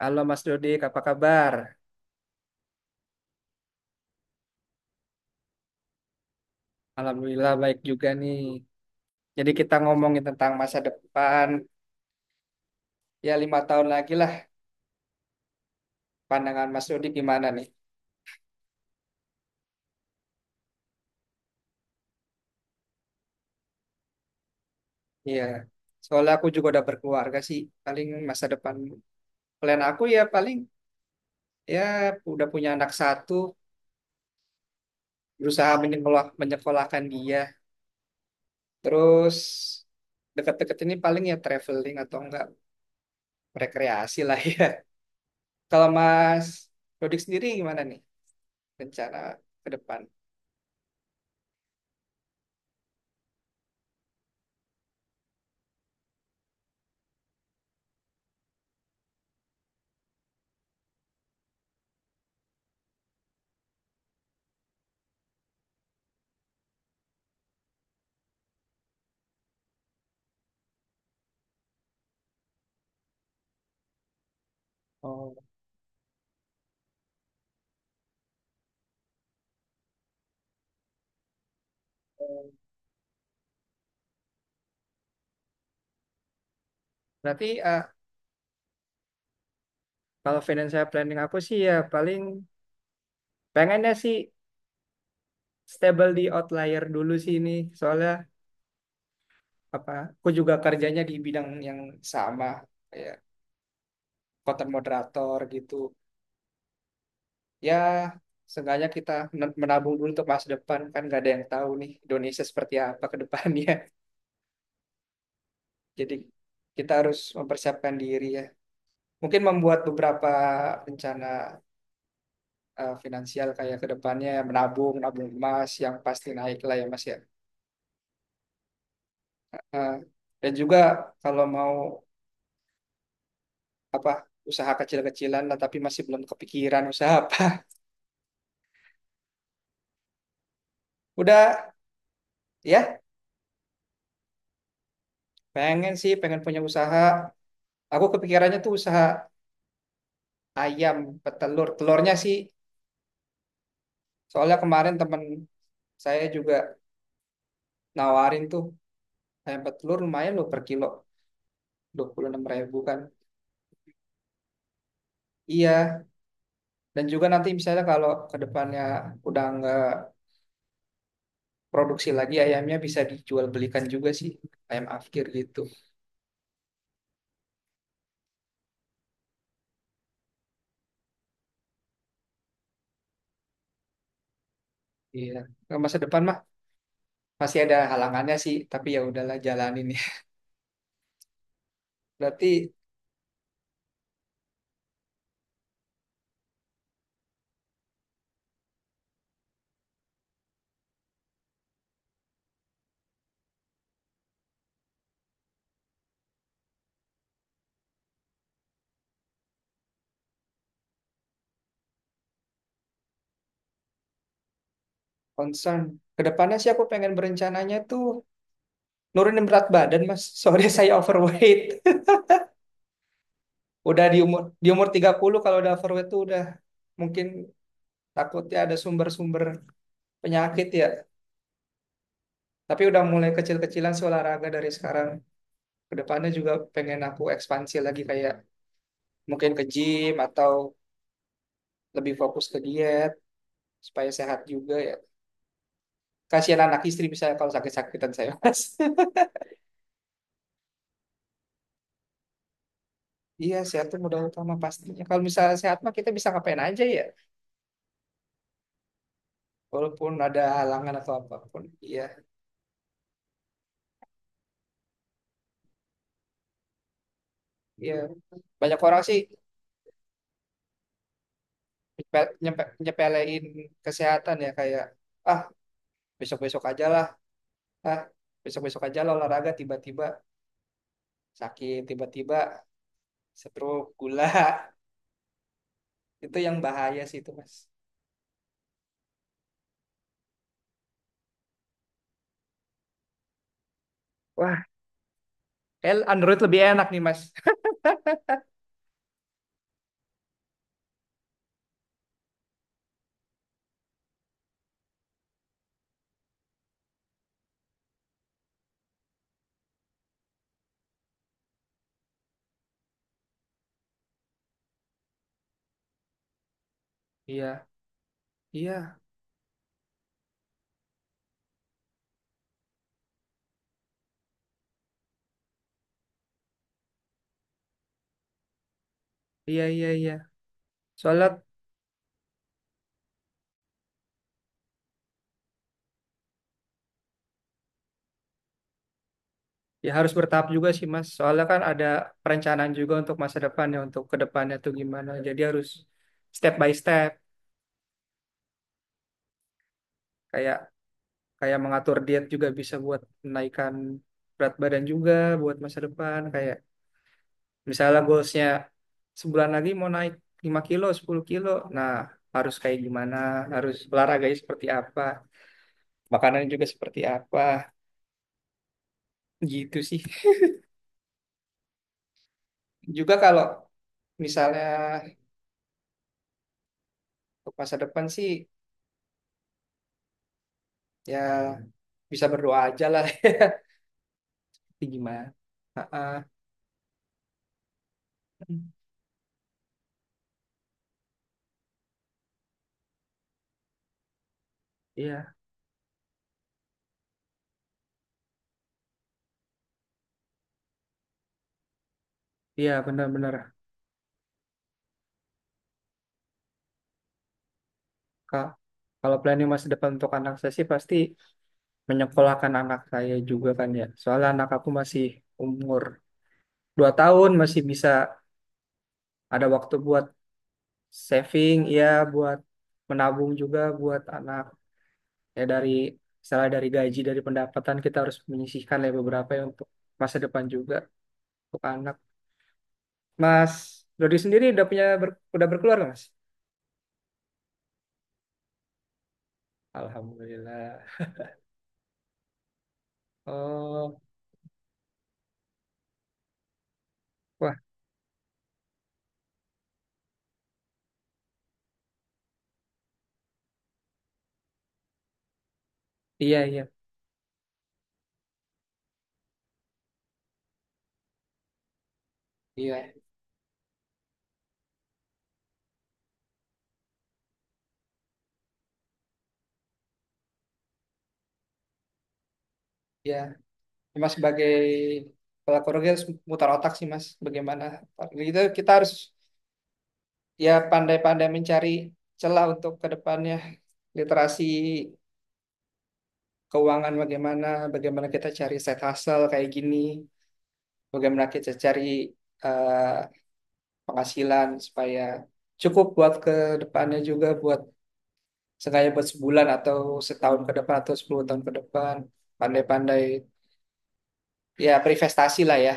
Halo Mas Dodik, apa kabar? Alhamdulillah baik juga nih. Jadi kita ngomongin tentang masa depan, ya lima tahun lagi lah pandangan Mas Dodik gimana nih? Iya, soalnya aku juga udah berkeluarga sih. Paling masa depan plan aku ya paling ya udah punya anak satu, berusaha menyekolahkan dia. Terus deket-deket ini paling ya traveling atau enggak rekreasi lah ya. Kalau Mas Dodik sendiri gimana nih rencana ke depan? Oh. Berarti eh, Kalau financial planning aku sih ya paling pengennya sih stable di outlier dulu sih ini. Soalnya apa? Aku juga kerjanya di bidang yang sama ya content moderator gitu. Ya seenggaknya kita menabung dulu untuk masa depan kan nggak ada yang tahu nih Indonesia seperti apa ke depannya. Jadi kita harus mempersiapkan diri ya. Mungkin membuat beberapa rencana finansial kayak ke depannya menabung, menabung emas yang pasti naik lah ya Mas ya. Nah, dan juga kalau mau apa usaha kecil-kecilan lah tapi masih belum kepikiran usaha apa. Udah ya, pengen punya usaha. Aku kepikirannya tuh usaha ayam petelur. Telurnya sih soalnya kemarin temen saya juga nawarin tuh ayam petelur lumayan loh per kilo dua puluh enam ribu kan. Iya, dan juga nanti misalnya kalau ke depannya udah nggak produksi lagi ayamnya bisa dijual belikan juga sih ayam afkir gitu. Iya, ke masa depan mah masih ada halangannya sih, tapi ya udahlah jalanin ya. Berarti concern kedepannya sih aku pengen berencananya tuh nurunin berat badan mas. Soalnya saya overweight. Udah di umur 30 kalau udah overweight tuh udah mungkin takutnya ada sumber-sumber penyakit ya. Tapi udah mulai kecil-kecilan sih olahraga dari sekarang. Kedepannya juga pengen aku ekspansi lagi kayak mungkin ke gym atau lebih fokus ke diet supaya sehat juga ya. Kasihan anak istri misalnya kalau sakit-sakitan saya mas. Iya, sehat itu modal utama pastinya. Kalau misalnya sehat mah kita bisa ngapain aja ya, walaupun ada halangan atau apapun. Iya, iya. Banyak orang sih nyepelein kesehatan ya kayak ah besok-besok aja lah, ah besok-besok aja lah olahraga tiba-tiba sakit, tiba-tiba stroke, gula. Itu yang bahaya sih itu, Mas. Wah, kayak Android lebih enak nih, Mas. Iya, iya, iya, iya, iya. Soalnya ya harus bertahap juga sih Mas. Soalnya kan ada perencanaan juga untuk masa depan ya untuk ke depannya tuh gimana. Jadi harus step by step. Kayak kayak mengatur diet juga bisa buat menaikkan berat badan juga buat masa depan. Kayak misalnya goalsnya sebulan lagi mau naik 5 kilo, 10 kilo. Nah harus kayak gimana, harus olahraganya seperti apa, makanannya juga seperti apa. Gitu sih. Juga kalau misalnya untuk masa depan sih ya bisa berdoa aja lah. Tapi gimana? Ah, ah, iya, iya benar-benar. Ka- Kalau planning masa depan untuk anak saya sih pasti menyekolahkan anak saya juga kan ya. Soalnya anak aku masih umur 2 tahun, masih bisa ada waktu buat saving, ya buat menabung juga buat anak. Ya dari misalnya dari gaji, dari pendapatan kita harus menyisihkan lah ya beberapa ya untuk masa depan juga untuk anak. Mas Dodi sendiri udah punya udah berkeluarga Mas? Alhamdulillah. Oh, iya, iya. Iya, iya. Mas sebagai pelaku rugi harus mutar otak sih Mas. Bagaimana? Gitu kita harus ya pandai-pandai mencari celah untuk ke depannya. Literasi keuangan bagaimana, bagaimana kita cari side hustle kayak gini, bagaimana kita cari eh, penghasilan supaya cukup buat ke depannya juga buat sengaja buat sebulan atau setahun ke depan atau 10 tahun ke depan. Pandai-pandai ya berinvestasi lah ya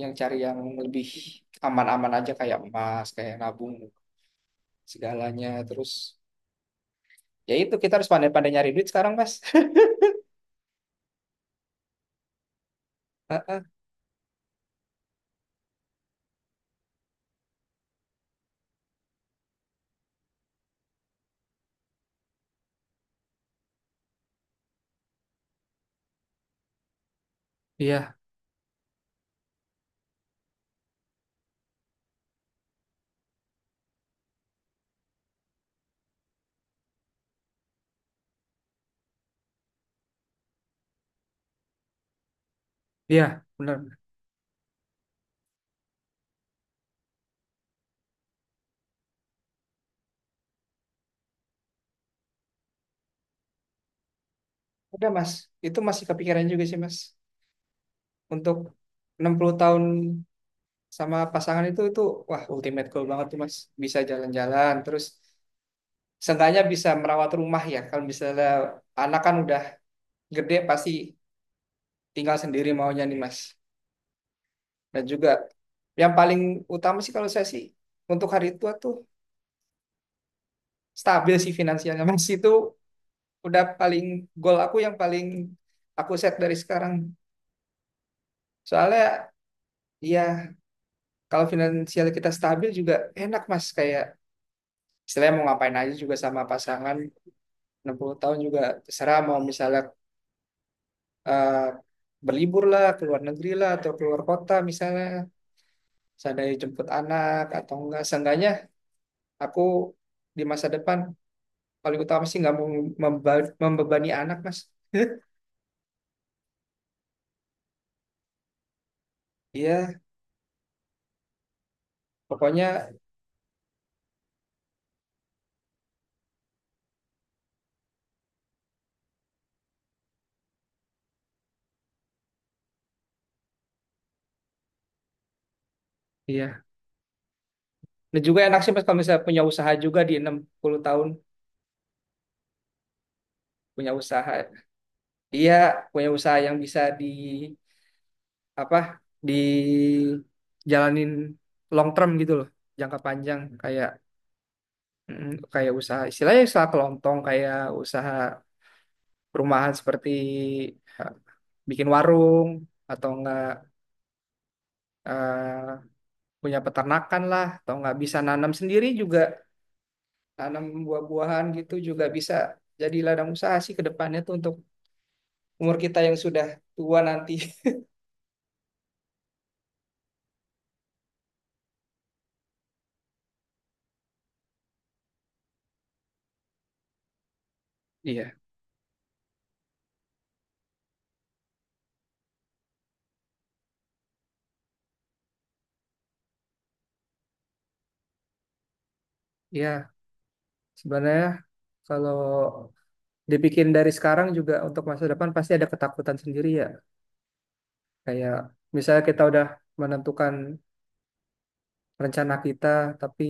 yang cari yang lebih aman-aman aja kayak emas, kayak nabung segalanya. Terus ya itu kita harus pandai-pandai nyari duit sekarang, Mas. Heeh. Iya, iya, benar. Udah, Mas. Itu masih kepikiran juga sih, Mas. Untuk 60 tahun sama pasangan itu wah ultimate goal banget tuh, Mas. Bisa jalan-jalan terus seenggaknya bisa merawat rumah ya. Kalau misalnya anak kan udah gede pasti tinggal sendiri maunya nih, Mas. Dan juga yang paling utama sih kalau saya sih untuk hari tua tuh stabil sih finansialnya. Mas itu udah paling goal aku yang paling aku set dari sekarang. Soalnya ya kalau finansial kita stabil juga enak Mas kayak istilahnya mau ngapain aja juga sama pasangan 60 tahun juga terserah mau misalnya eh, berlibur lah ke luar negeri lah atau keluar kota misalnya seandainya jemput anak atau enggak seenggaknya aku di masa depan paling utama sih nggak mau membebani anak mas iya pokoknya iya dan juga enak sih mas kalau misalnya punya usaha juga di enam puluh tahun punya usaha iya punya usaha yang bisa di apa di jalanin long term gitu loh jangka panjang kayak mm, kayak usaha istilahnya usaha kelontong kayak usaha perumahan seperti eh, bikin warung atau enggak eh, punya peternakan lah atau nggak bisa nanam sendiri juga tanam buah-buahan gitu juga bisa jadi ladang usaha sih ke depannya tuh untuk umur kita yang sudah tua nanti. Iya, iya. Sebenarnya kalau dibikin dari sekarang juga untuk masa depan pasti ada ketakutan sendiri ya. Kayak misalnya kita udah menentukan rencana kita tapi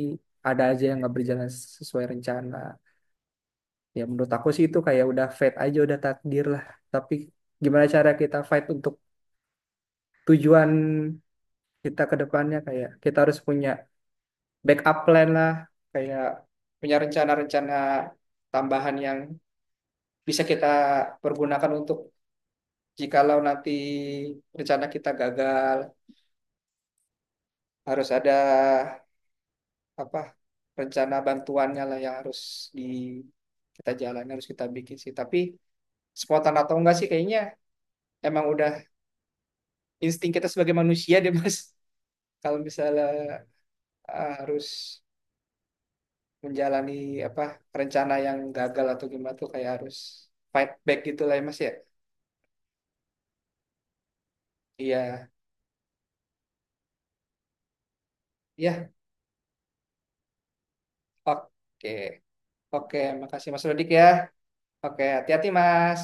ada aja yang nggak berjalan sesuai rencana. Ya menurut aku sih itu kayak udah fate aja, udah takdir lah. Tapi gimana cara kita fight untuk tujuan kita ke depannya kayak kita harus punya backup plan lah, kayak punya rencana-rencana tambahan yang bisa kita pergunakan untuk jikalau nanti rencana kita gagal, harus ada apa rencana bantuannya lah yang harus di kita jalan harus kita bikin sih. Tapi spontan atau enggak sih kayaknya emang udah insting kita sebagai manusia deh Mas. Kalau misalnya eh, harus menjalani apa rencana yang gagal atau gimana tuh kayak harus fight back gitu lah ya Mas ya. Iya, ya, oke, oke, makasih Mas Rudik ya. Oke, hati-hati Mas.